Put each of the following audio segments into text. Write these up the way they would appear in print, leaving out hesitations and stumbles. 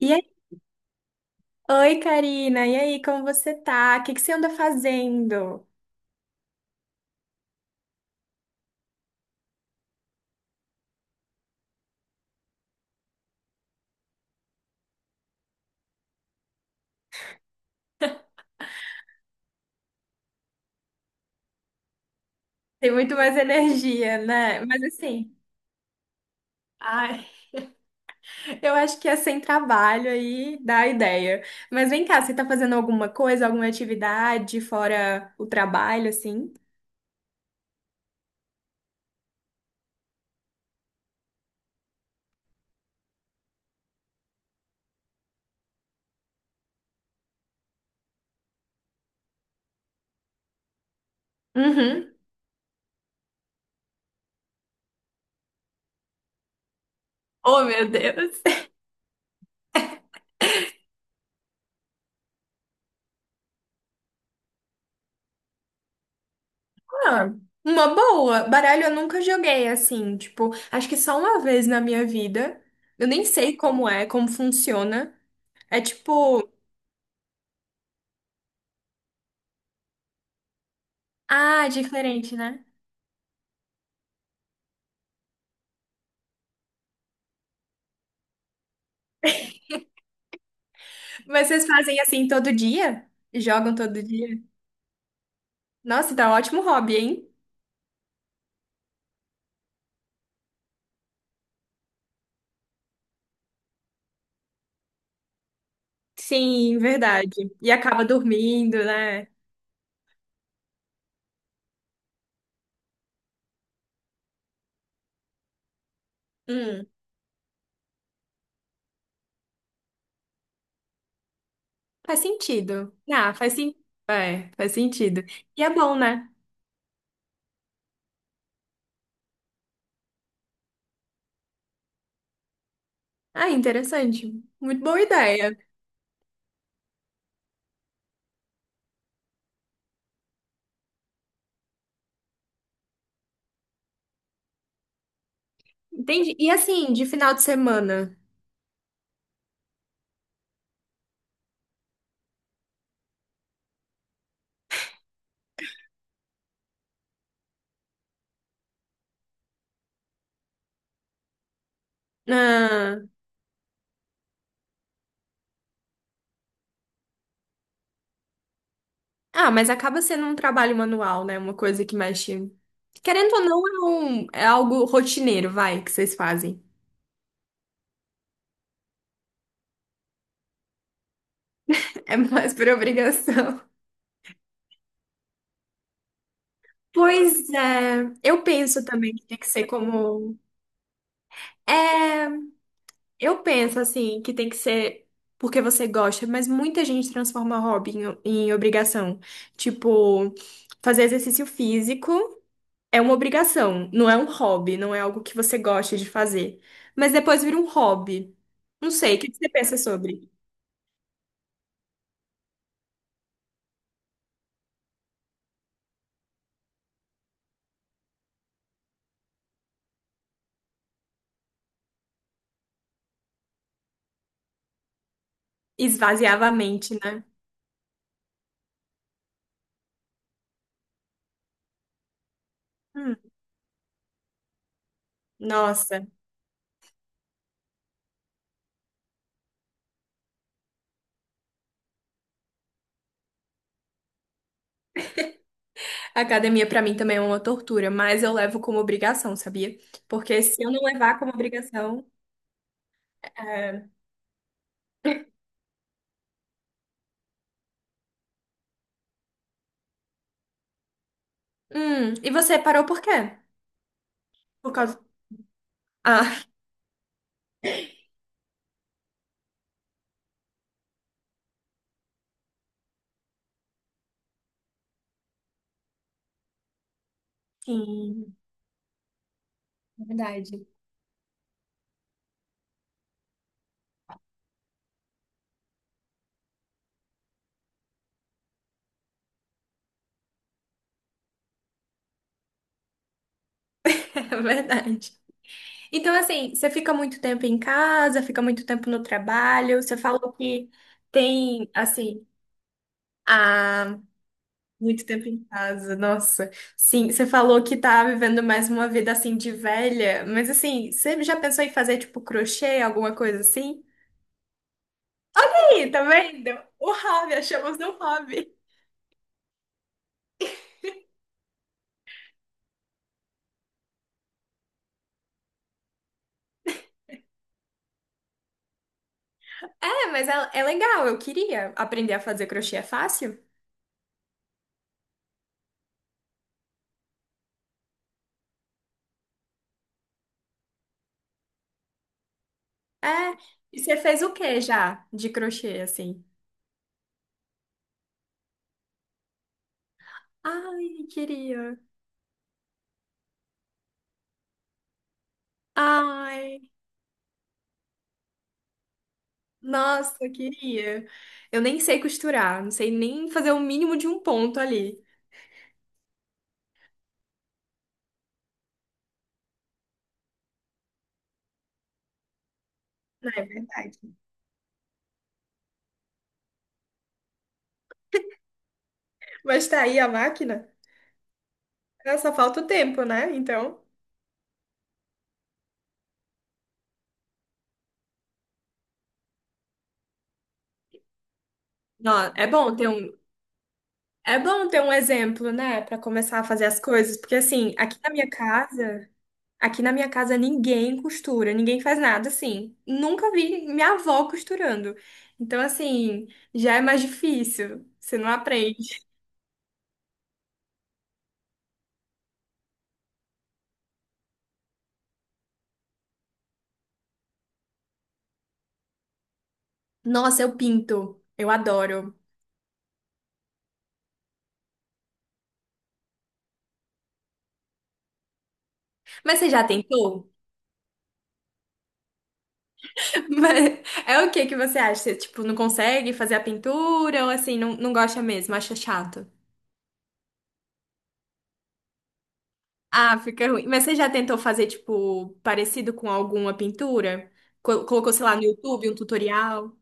E aí? Oi, Karina. E aí, como você tá? O que que você anda fazendo? Tem muito mais energia, né? Mas assim, ai, eu acho que é sem trabalho aí dá a ideia. Mas vem cá, você tá fazendo alguma coisa, alguma atividade fora o trabalho, assim? Uhum. Oh, meu Deus. Ah, uma boa. Baralho eu nunca joguei assim, tipo, acho que só uma vez na minha vida. Eu nem sei como é, como funciona. É tipo, diferente, né? Mas vocês fazem assim todo dia? Jogam todo dia? Nossa, tá um ótimo hobby, hein? Sim, verdade. E acaba dormindo, né? Hum, faz sentido. Ah, faz sim. É, faz sentido. E é bom, né? Ah, interessante. Muito boa ideia. Entendi. E assim, de final de semana? Ah, ah, mas acaba sendo um trabalho manual, né? Uma coisa que mexe. Querendo ou não, é, é algo rotineiro, vai, que vocês fazem. É mais por obrigação. Pois é, eu penso também que tem que ser como. É, eu penso assim, que tem que ser porque você gosta, mas muita gente transforma hobby em, em obrigação. Tipo, fazer exercício físico é uma obrigação, não é um hobby, não é algo que você gosta de fazer. Mas depois vira um hobby. Não sei, o que que você pensa sobre? Esvaziava a mente, né? Hum, nossa. A academia pra mim também é uma tortura, mas eu levo como obrigação, sabia? Porque se eu não levar como obrigação, é... e você parou por quê? Por causa... Ah, sim, é verdade. É verdade. Então, assim, você fica muito tempo em casa, fica muito tempo no trabalho, você falou que tem, assim, ah, muito tempo em casa, nossa. Sim, você falou que tá vivendo mais uma vida, assim, de velha, mas, assim, você já pensou em fazer, tipo, crochê, alguma coisa assim? Ih, tá vendo? O hobby, achamos um hobby. É, mas é legal, eu queria aprender a fazer crochê, é fácil? É. E você fez o que já de crochê, assim? Ai, queria. Ai, nossa, queria. Eu nem sei costurar, não sei nem fazer o mínimo de um ponto ali. Não é verdade. Mas tá aí a máquina. Ah, Só falta o tempo, né? Então. Não, é bom ter um exemplo, né, Pra começar a fazer as coisas, porque assim, Aqui na minha casa ninguém costura, ninguém faz nada assim. Nunca vi minha avó costurando. Então, assim, já é mais difícil. Você não aprende. Nossa, eu pinto. Eu adoro. Mas você já tentou? Mas é o que que você acha? Você, tipo, não consegue fazer a pintura ou assim, não, não gosta mesmo, acha chato? Ah, fica ruim. Mas você já tentou fazer, tipo, parecido com alguma pintura? Colocou, sei lá, no YouTube um tutorial?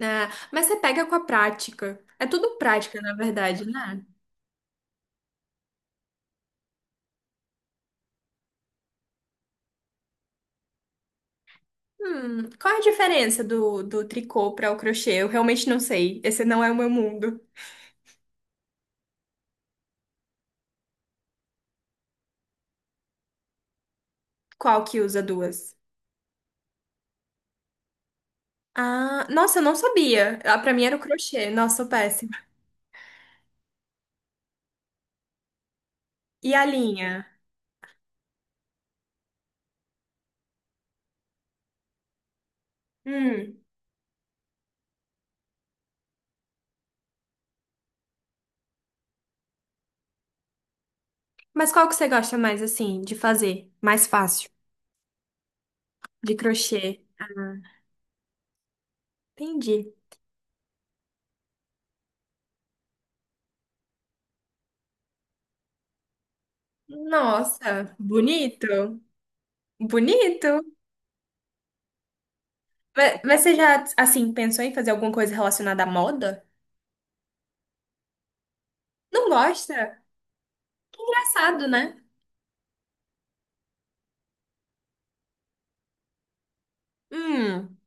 Ah, mas você pega com a prática. É tudo prática, na verdade, né? Qual é a diferença do tricô para o crochê? Eu realmente não sei. Esse não é o meu mundo. Qual que usa duas? Ah, nossa, eu não sabia. Ah, para mim era o crochê. Nossa, sou péssima. E a linha? Hum. Mas qual que você gosta mais, assim, de fazer? Mais fácil. De crochê. Entendi. Nossa, bonito. Bonito. Mas você já, assim, pensou em fazer alguma coisa relacionada à moda? Não gosta? Engraçado, né? Hum.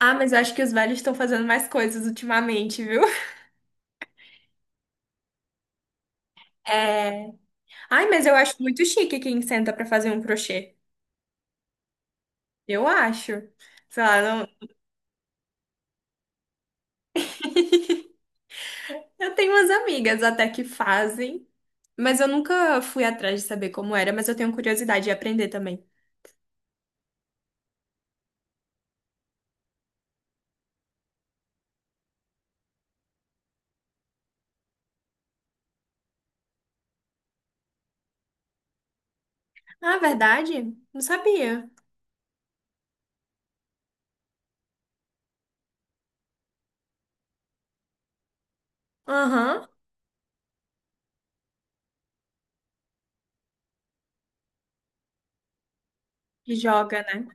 Ah, mas eu acho que os velhos estão fazendo mais coisas ultimamente, viu? É. Ai, mas eu acho muito chique quem senta pra fazer um crochê. Eu acho. Sei lá, não... Eu tenho umas amigas até que fazem, mas eu nunca fui atrás de saber como era, mas eu tenho curiosidade de aprender também. Ah, verdade? Não sabia. Aham. E joga, né?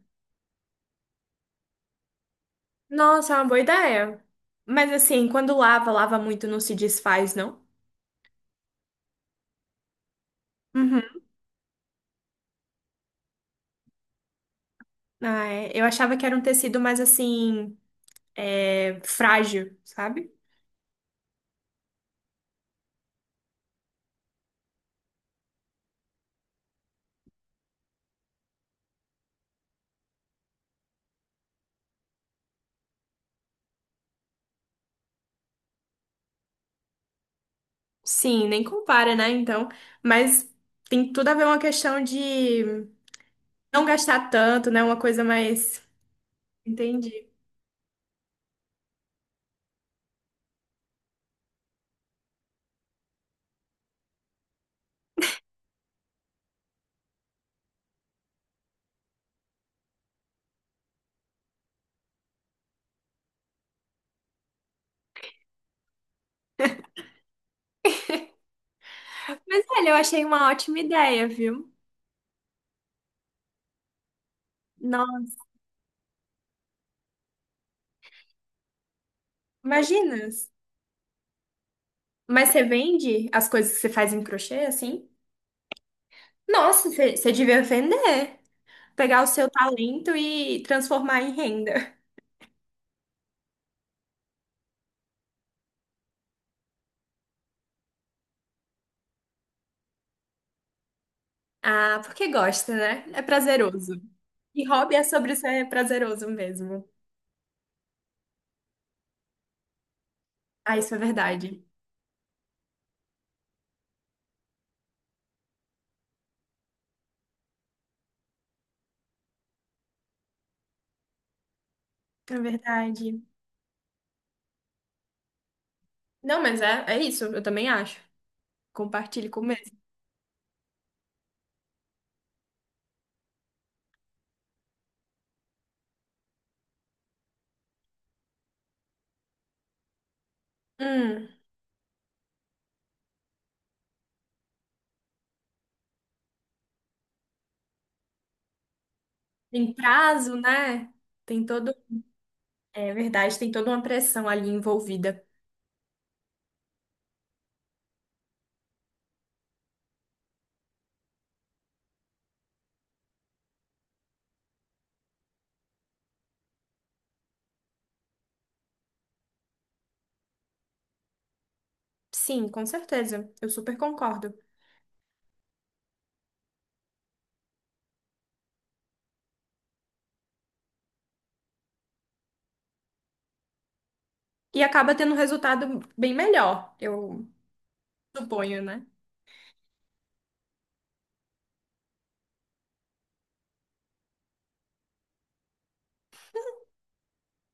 Nossa, é uma boa ideia. Mas assim, quando lava, lava muito, não se desfaz, não? Uhum. Ah, é. Eu achava que era um tecido mais assim, é, frágil, sabe? Sim, nem compara, né? Então, mas tem tudo a ver uma questão de não gastar tanto, né? Uma coisa mais. Entendi. Mas olha, eu achei uma ótima ideia, viu? Não, imagina. Mas você vende as coisas que você faz em crochê, assim? Nossa, você devia vender. Pegar o seu talento e transformar em renda. Ah, porque gosta, né? É prazeroso. E hobby é sobre ser prazeroso mesmo. Ah, isso é verdade. É verdade. Não, mas é isso, eu também acho. Compartilhe com o mesmo. Hum, tem prazo, né? Tem todo. É verdade, tem toda uma pressão ali envolvida. Sim, com certeza. Eu super concordo. E acaba tendo um resultado bem melhor, eu suponho, né?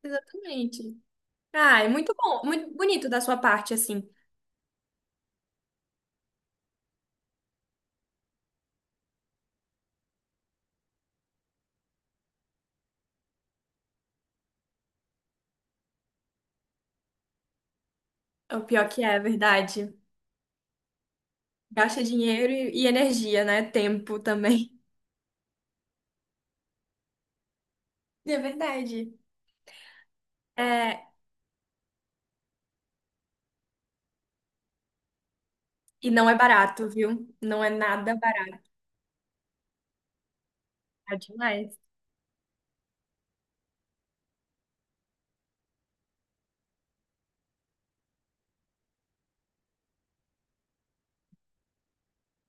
Exatamente. Ah, é muito bom, muito bonito da sua parte, assim. É o pior que é verdade. Gasta dinheiro e energia, né? Tempo também. É verdade. É, e não é barato, viu? Não é nada barato é demais.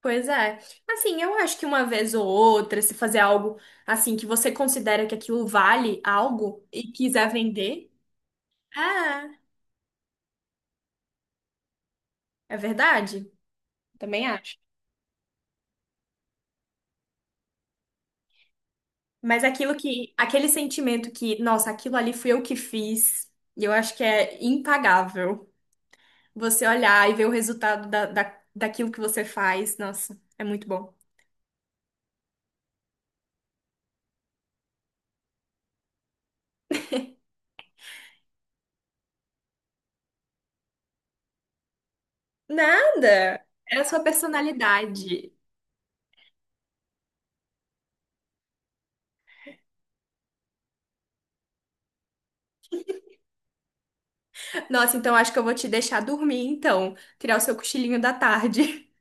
Pois é. Assim, eu acho que uma vez ou outra, se fazer algo assim que você considera que aquilo vale algo e quiser vender, ah, é verdade. Também acho. Mas aquilo que, aquele sentimento que, nossa, aquilo ali fui eu que fiz, eu acho que é impagável. Você olhar e ver o resultado daquilo que você faz, nossa, é muito bom. Nada! É a sua personalidade. Nossa, então acho que eu vou te deixar dormir, então. Tirar o seu cochilinho da tarde.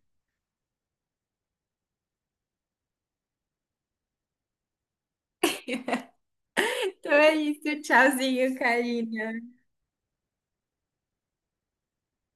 Então é isso, tchauzinho, Karina.